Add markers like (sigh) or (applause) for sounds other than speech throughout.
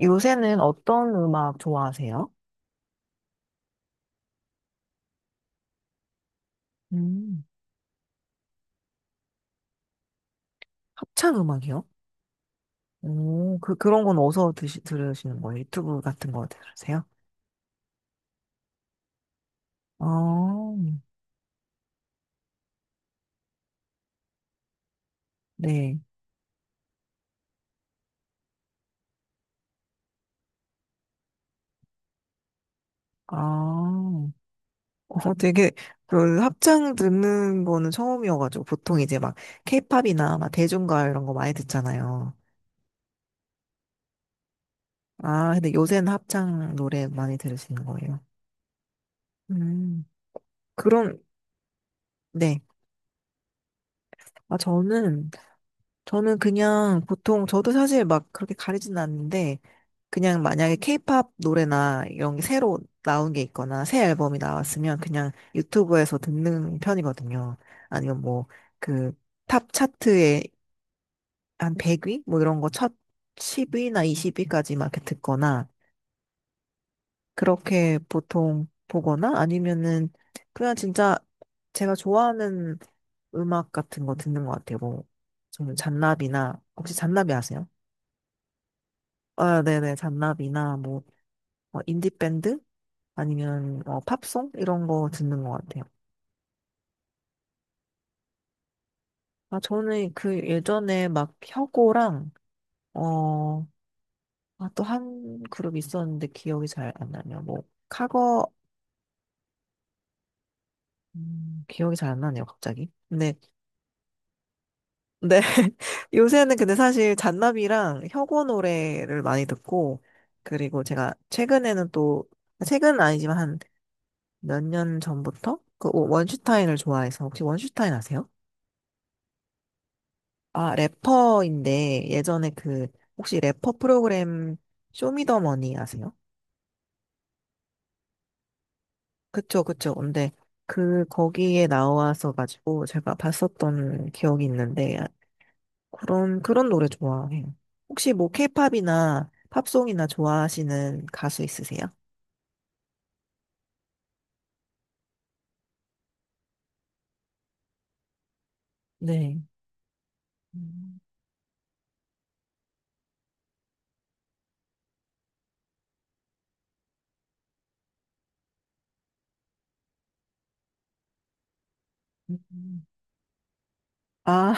요새는 어떤 음악 좋아하세요? 음, 합창 음악이요? 오, 그런 건 어디서 들으시는 거예요? 유튜브 같은 거 들으세요? 아, 네. 아, 어, 되게, 합창 듣는 거는 처음이어가지고, 보통 케이팝이나 막 대중가 이런 거 많이 듣잖아요. 아, 근데 요새는 합창 노래 많이 들으시는 거예요. 음, 그럼, 네. 아, 저는, 저는 그냥 보통, 저도 사실 막 그렇게 가리진 않는데, 그냥 만약에 케이팝 노래나 이런 게 새로 나온 게 있거나 새 앨범이 나왔으면 그냥 유튜브에서 듣는 편이거든요. 아니면 뭐 그 탑 차트에 한 100위? 뭐 이런 거 첫 10위나 20위까지 막 이렇게 듣거나 그렇게 보통 보거나 아니면은 그냥 진짜 제가 좋아하는 음악 같은 거 듣는 것 같아요. 뭐 저는 잔나비나 혹시 잔나비 아세요? 아, 네네 잔나비나 뭐 어, 인디밴드 아니면 어, 팝송 이런 거 듣는 것 같아요. 아 저는 그 예전에 막 혁오랑 어, 아, 또 한 그룹 있었는데 기억이 잘 안 나네요. 뭐 카거 기억이 잘 안 나네요, 갑자기. 근데 네. (laughs) 요새는 근데 사실 잔나비랑 혁오 노래를 많이 듣고 그리고 제가 최근에는 또 최근은 아니지만 한 몇 년 전부터 그 원슈타인을 좋아해서 혹시 원슈타인 아세요? 아, 래퍼인데 예전에 그 혹시 래퍼 프로그램 쇼미더머니 아세요? 그쵸, 그쵸. 근데 그 거기에 나와서 가지고 제가 봤었던 기억이 있는데 그런 노래 좋아해요. 혹시 뭐 케이팝이나 팝송이나 좋아하시는 가수 있으세요? 네. 음, 음. 아,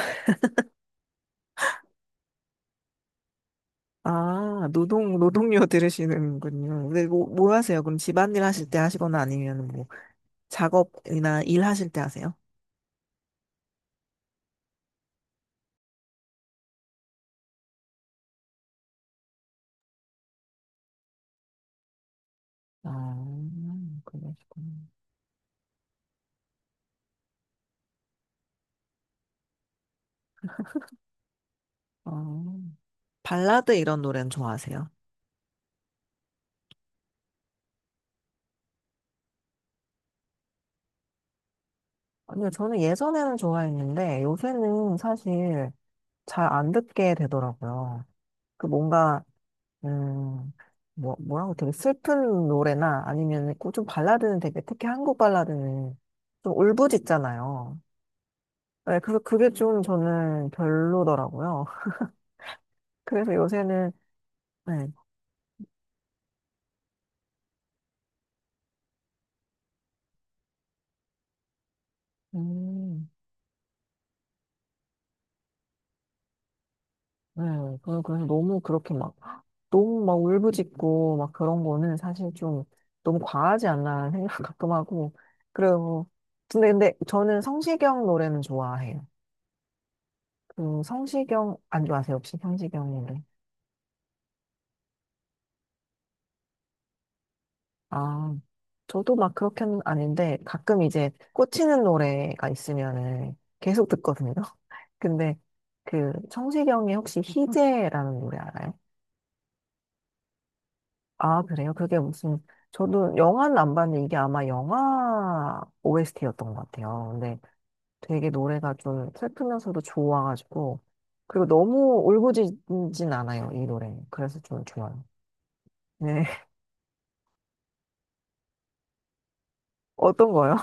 아, 노동요 들으시는군요. 근데 뭐 하세요? 그럼 집안일 하실 때 하시거나 아니면 뭐 작업이나 일 하실 때 하세요? 아, 그러시구나. 아, 발라드 이런 노래는 좋아하세요? 아니요, 저는 예전에는 좋아했는데 요새는 사실 잘 안 듣게 되더라고요. 그 뭔가, 음, 뭐라고 되게 슬픈 노래나 아니면 그좀 발라드는 되게 특히 한국 발라드는 좀 울부짖잖아요. 네, 그래서 그게 좀 저는 별로더라고요. (laughs) 그래서 요새는, 네, 음, 네, 그 그래서 너무 그렇게 막 너무 막 울부짖고 막 그런 거는 사실 좀 너무 과하지 않나 생각 (laughs) 가끔 하고 그리고 근데 저는 성시경 노래는 좋아해요. 그 성시경 안 좋아하세요 혹시 성시경 노래? 아 저도 막 그렇게는 아닌데 가끔 이제 꽂히는 노래가 있으면은 계속 듣거든요. (laughs) 근데 그 성시경의 혹시 희재라는 노래 알아요? 아 그래요? 그게 무슨 저도 영화는 안 봤는데 이게 아마 영화 OST였던 것 같아요. 되게 노래가 좀 슬프면서도 좋아가지고 그리고 너무 울부짖진 않아요 이 노래 그래서 좀 좋아요 네 (laughs) 어떤 거요?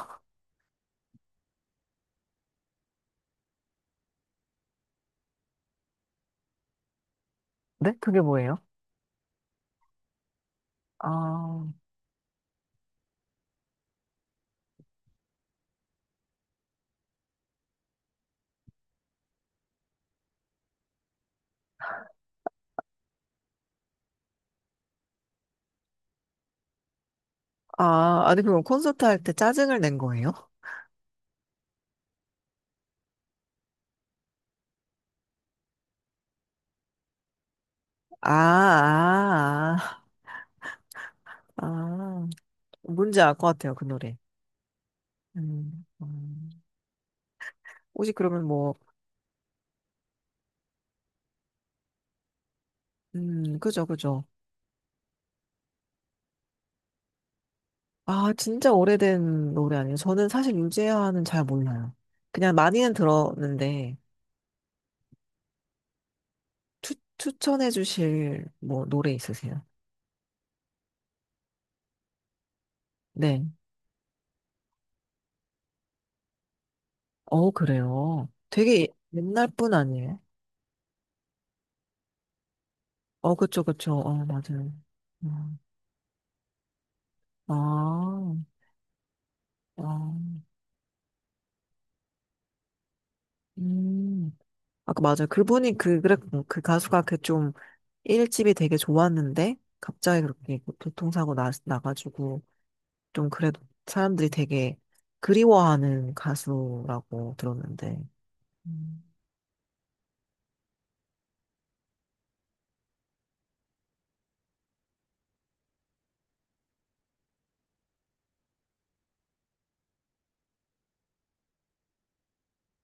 네 그게 뭐예요? 아, 아 아니 그럼 콘서트 할 때 짜증을 낸 거예요? 아, 아, 아, 아. 뭔지 알 것 같아요 그 노래 음, 음. 혹시 그러면 뭐 그죠 그죠 아 진짜 오래된 노래 아니에요 저는 사실 유재하는 잘 몰라요 그냥 많이는 들었는데 추천해 주실 뭐 노래 있으세요? 네. 어, 그래요. 되게 옛날 분 아니에요? 어, 그쵸, 그쵸. 어, 맞아요. 음. 아, 아, 음. 아까 맞아요. 그 가수가 그 좀 일집이 되게 좋았는데, 갑자기 그렇게 그 교통사고 나가지고, 좀 그래도 사람들이 되게 그리워하는 가수라고 들었는데. 음.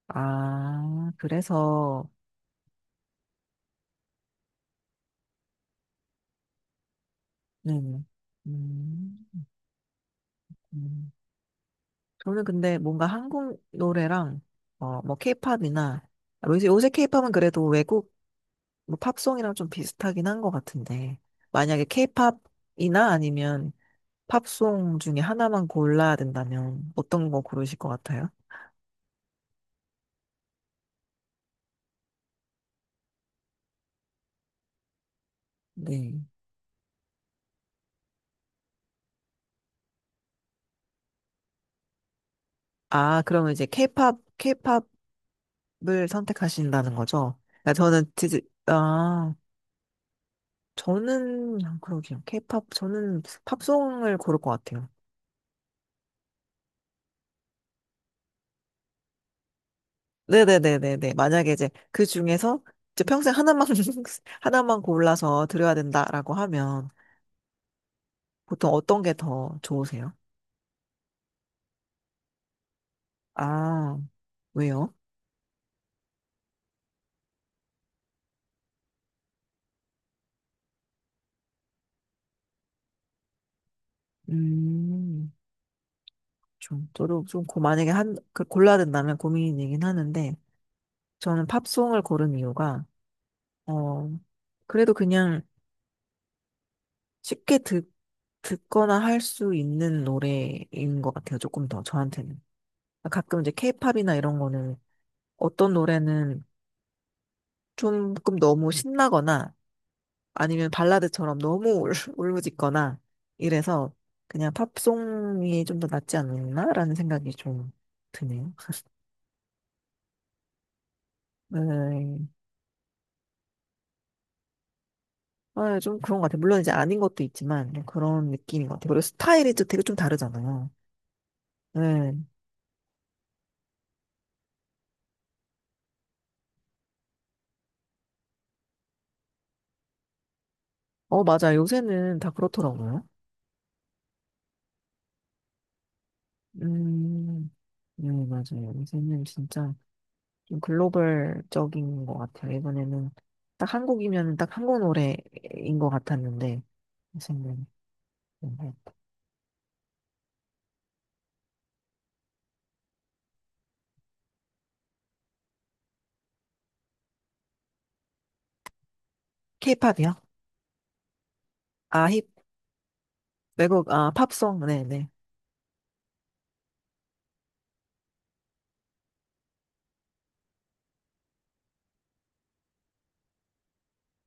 아, 그래서, 네. 음. 음, 저는 근데 뭔가 한국 노래랑 어, 뭐 케이팝이나 요새 케이팝은 그래도 외국 뭐 팝송이랑 좀 비슷하긴 한 것 같은데 만약에 케이팝이나 아니면 팝송 중에 하나만 골라야 된다면 어떤 거 고르실 것 같아요? 네. 아, 그러면 이제 케이팝을 선택하신다는 거죠? 그러니까 저는 진짜 아, 저는 그러게요. 케이팝 저는 팝송을 고를 것 같아요. 네네네네네. 만약에 이제 그 중에서 이제 평생 하나만, (laughs) 하나만 골라서 드려야 된다라고 하면 보통 어떤 게 더 좋으세요? 아, 왜요? 음, 좀, 저도 좀 고, 만약에 한, 그 골라야 된다면 고민이긴 하는데 저는 팝송을 고른 이유가, 어, 그래도 그냥 쉽게 듣거나 할 수 있는 노래인 것 같아요. 조금 더 저한테는. 가끔 이제 케이팝이나 이런 거는 어떤 노래는 조금 너무 신나거나 아니면 발라드처럼 너무 울, (laughs) 울부짖거나 이래서 그냥 팝송이 좀 더 낫지 않나라는 생각이 좀 드네요. (laughs) 네. 아, 좀 그런 것 같아요. 물론 이제 아닌 것도 있지만 좀 그런 느낌인 것 같아요. 그리고 스타일이 또 되게 좀 다르잖아요. 네. 어, 맞아. 요새는 다 그렇더라고요. 음, 네, 맞아요. 요새는 진짜 좀 글로벌적인 것 같아요. 예전에는 딱 한국이면 딱 한국 노래인 것 같았는데 무슨 노래? 네. 케이팝이요? 아, 힙, 외국, 아, 팝송, 네네.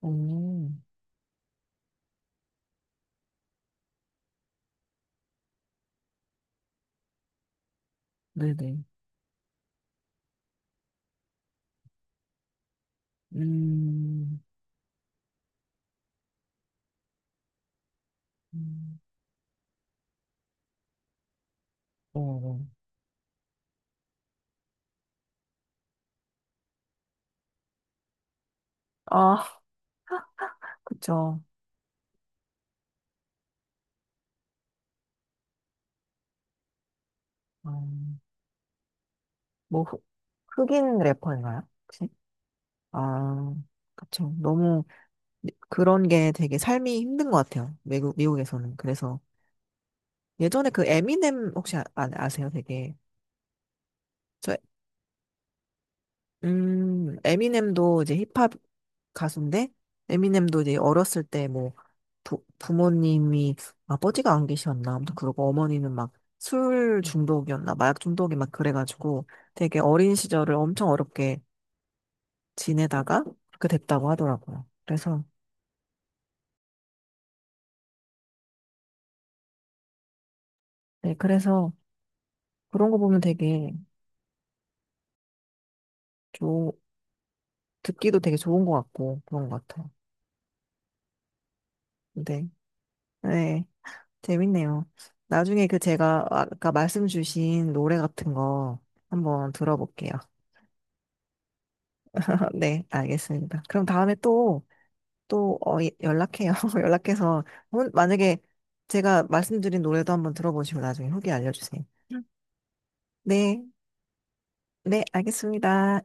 오, 네네. 음, 음, 어, 어. 아, 그쵸. 음, 뭐, 흑, 흑인 래퍼인가요? 혹시? 아, 그쵸. 너무 그런 게 되게 삶이 힘든 것 같아요. 외국, 미국에서는. 그래서 예전에 그 에미넴 혹시 아세요? 되게. 저 에미넴도 이제 힙합 가수인데, 에미넴도 이제 어렸을 때 뭐, 부모님이 아버지가 안 계셨나, 아무튼 그러고 어머니는 막 술 중독이었나, 마약 중독이 막 그래가지고 되게 어린 시절을 엄청 어렵게 지내다가 그렇게 됐다고 하더라고요. 그래서, 네, 그래서 그런 거 보면 되게 좋, 듣기도 되게 좋은 것 같고 그런 것 같아요. 근데, 네. 재밌네요. 나중에 그 제가 아까 말씀 주신 노래 같은 거 한번 들어볼게요. (laughs) 네, 알겠습니다. 그럼 다음에 또, 또, 어, 예, 연락해요. (laughs) 연락해서, 만약에 제가 말씀드린 노래도 한번 들어보시고 나중에 후기 알려주세요. 네, 네, 알겠습니다.